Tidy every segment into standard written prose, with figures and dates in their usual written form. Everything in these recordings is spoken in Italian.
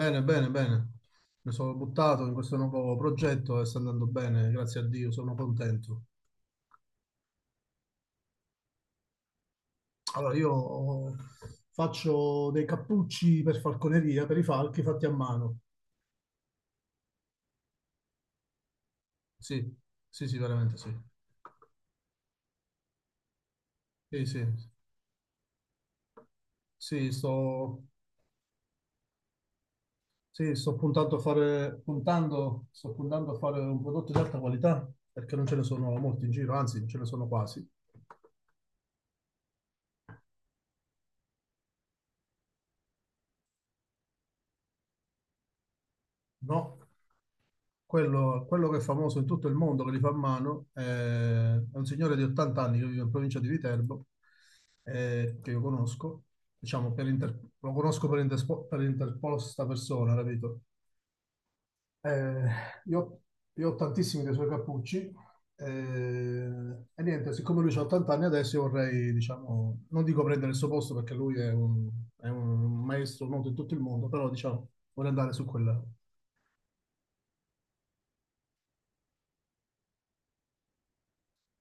Bene, bene, bene. Mi sono buttato in questo nuovo progetto e sta andando bene, grazie a Dio, sono contento. Allora, io faccio dei cappucci per falconeria, per i falchi fatti a mano. Sì, sì, sì, veramente sì. Sì, sì, sì, sto, sì, sto puntando a fare, puntando, sto puntando a fare un prodotto di alta qualità perché non ce ne sono molti in giro, anzi, non ce ne sono quasi, no? Quello che è famoso in tutto il mondo, che li fa a mano, è un signore di 80 anni che vive in provincia di Viterbo, che io conosco, diciamo, per lo conosco per, per interposta persona, capito? Eh, io, io ho tantissimi dei suoi cappucci eh, e niente, siccome lui ha 80 anni adesso, io vorrei, diciamo, non dico prendere il suo posto perché è un maestro noto in tutto il mondo, però diciamo, vorrei andare su quella.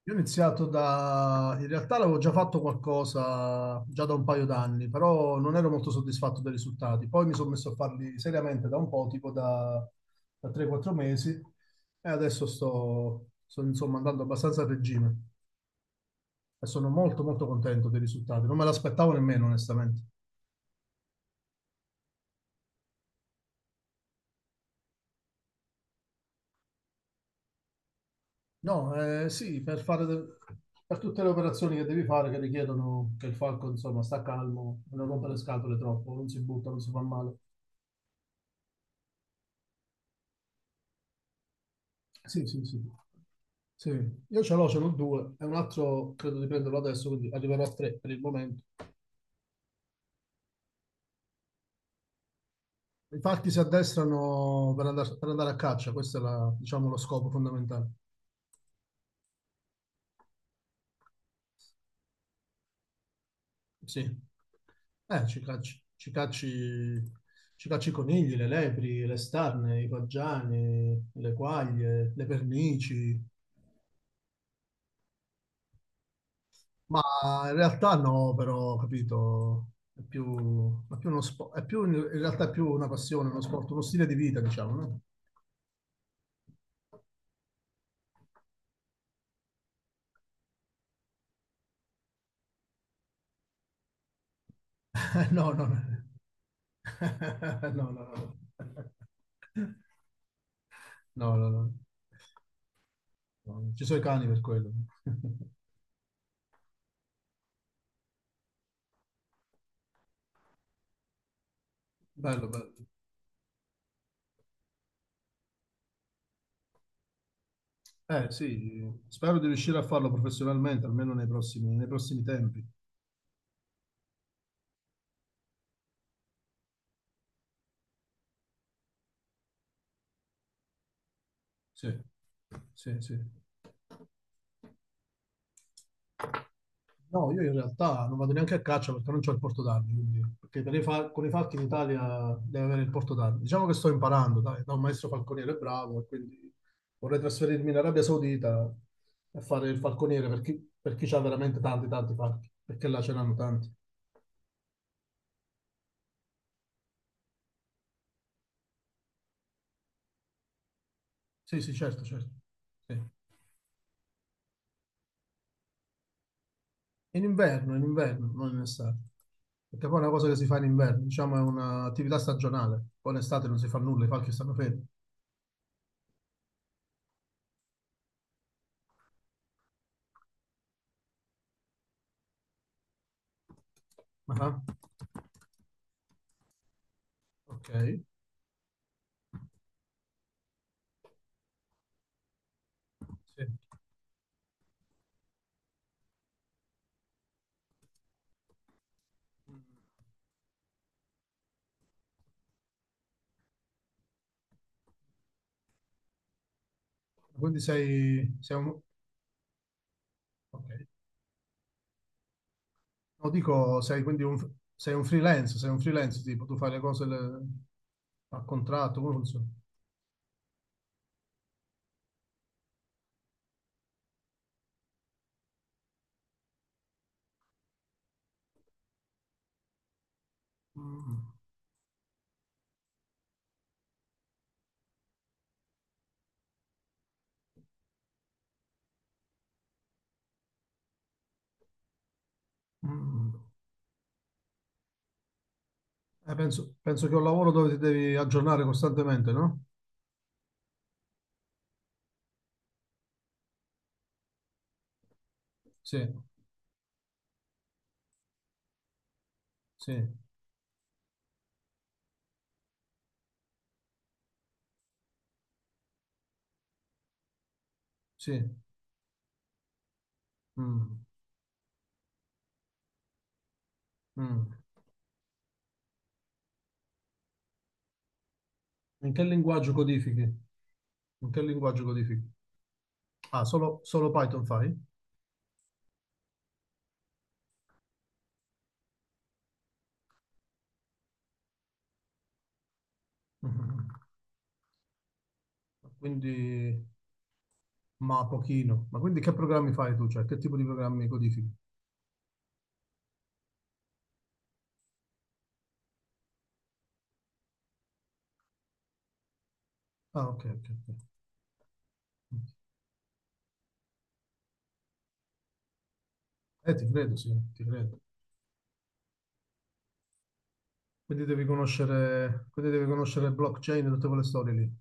Io ho iniziato da... In realtà l'avevo già fatto qualcosa già da un paio d'anni, però non ero molto soddisfatto dei risultati. Poi mi sono messo a farli seriamente da un po', tipo da 3-4 mesi, e adesso insomma andando abbastanza a regime e sono molto molto contento dei risultati. Non me l'aspettavo nemmeno, onestamente. No, sì, per fare... Per tutte le operazioni che devi fare che richiedono che il falco, insomma, sta calmo, non rompere le scatole troppo, non si butta, non si fa male. Sì, sì, sì. Sì, ce l'ho due, e un altro credo di prenderlo adesso, quindi arriverò a tre per il momento. Infatti per andare a caccia, questo è diciamo, lo scopo fondamentale. Sì, eh, ci cacci, ci cacci, ci cacci i conigli, le lepri, le starne, i paggiani, le quaglie, le pernici, ma in realtà no, però, capito, è più uno sport, è più, in realtà è più una passione, uno sport, uno stile di vita, diciamo, no? No, no, no. No, no, no. No, no, no. No, ci sono i cani per quello. Bello, bello. Eh sì, spero di riuscire a farlo professionalmente, almeno nei prossimi tempi. Sì, sì, sì. No, io in realtà non vado neanche a caccia perché non ho il porto d'armi, quindi, perché per i con i falchi in Italia deve avere il porto d'armi. Diciamo che sto imparando, dai, da un maestro falconiere bravo, e quindi vorrei trasferirmi in Arabia Saudita e fare il falconiere per chi ha veramente tanti, tanti falchi, perché là ce n'hanno tanti. Sì, sì, certo, certo. Sì. In inverno, non in estate. Perché poi è una cosa che si fa in inverno, diciamo è un'attività stagionale. Poi in estate non si fa nulla, i falchi stanno fermi. Ah, ok, sì. Quindi sei, sei un... ok. No, dico, sei un freelance, tipo, tu fai le cose a contratto, come funziona? Mm, mm. Penso, penso che è un lavoro dove ti devi aggiornare costantemente, no? Sì, sì, sì. Mm, mm. In che linguaggio codifichi? In che linguaggio codifichi? Ah, solo, solo Python fai? Mm. Quindi, ma pochino. Ma quindi che programmi fai tu? Cioè, che tipo di programmi codifichi? Ah, ok, ok, ok. Eh, ti credo, sì, ti credo. Quindi devi conoscere blockchain e tutte quelle storie lì.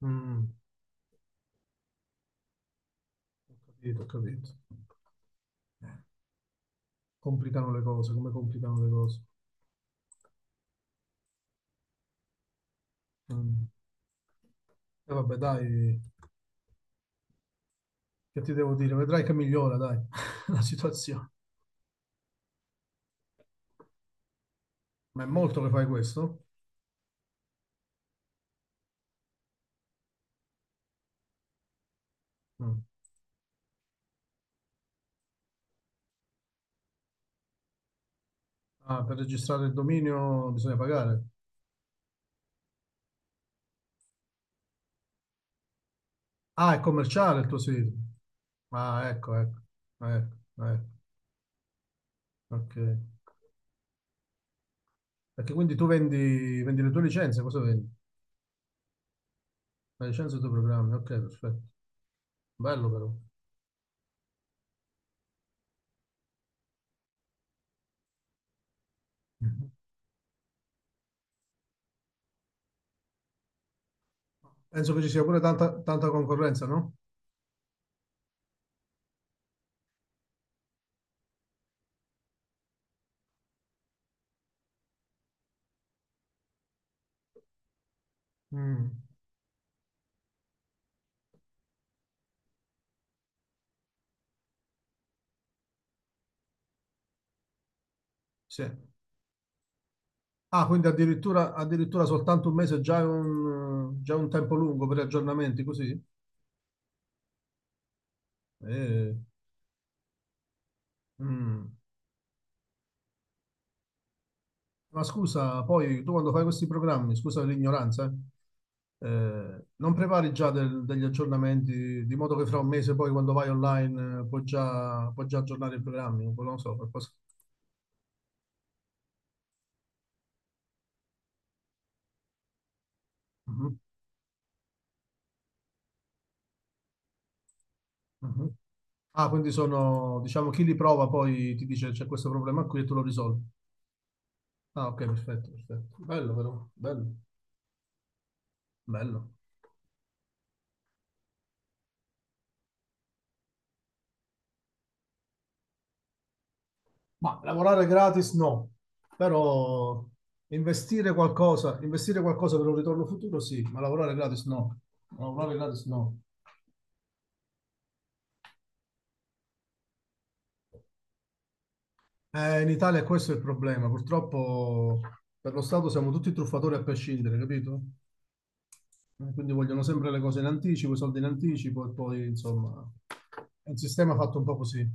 Mm, ho capito, ho capito. Complicano le cose, come complicano le cose. Mm. E vabbè, dai, che ti devo dire? Vedrai che migliora, dai, la situazione. Ma è molto che fai questo? Mm. Ah, per registrare il dominio bisogna pagare. Ah, è commerciale il tuo sito. Ah, ecco, ecco, ecco, ecco. Ok. Perché quindi vendi le tue licenze, cosa vendi? La licenza dei tuoi programmi, ok, perfetto. Bello però. Mhm. Penso che ci sia pure tanta, tanta concorrenza, no? Mm, sì. Ah, quindi addirittura, addirittura soltanto un mese è già già un tempo lungo per gli aggiornamenti, così? Eh, mm. Ma scusa, poi tu quando fai questi programmi, scusa l'ignoranza, non prepari già degli aggiornamenti di modo che fra un mese poi quando vai online puoi già aggiornare i programmi, non lo so, qualcosa. Mm-hmm. Mhm. Ah, quindi sono, diciamo, chi li prova poi ti dice c'è questo problema qui e tu lo risolvi. Ah, ok, perfetto, perfetto. Bello, però, bello, bello. Ma lavorare gratis no, però investire qualcosa per un ritorno futuro sì, ma lavorare gratis no. Lavorare gratis no. In Italia questo è il problema. Purtroppo per lo Stato siamo tutti truffatori a prescindere, capito? Quindi vogliono sempre le cose in anticipo, i soldi in anticipo e poi, insomma, è un sistema fatto un po' così.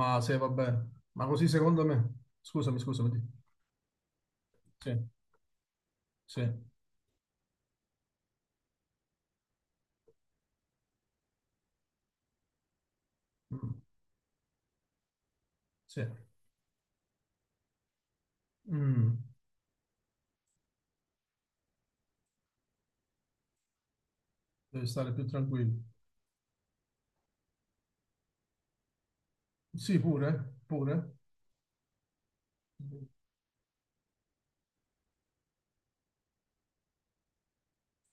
Ma se va bene. Ma così secondo me. Scusami, scusami. Di- Sì, sì, mm, sì. Mm, devi stare più tranquillo. Sì, pure, pure.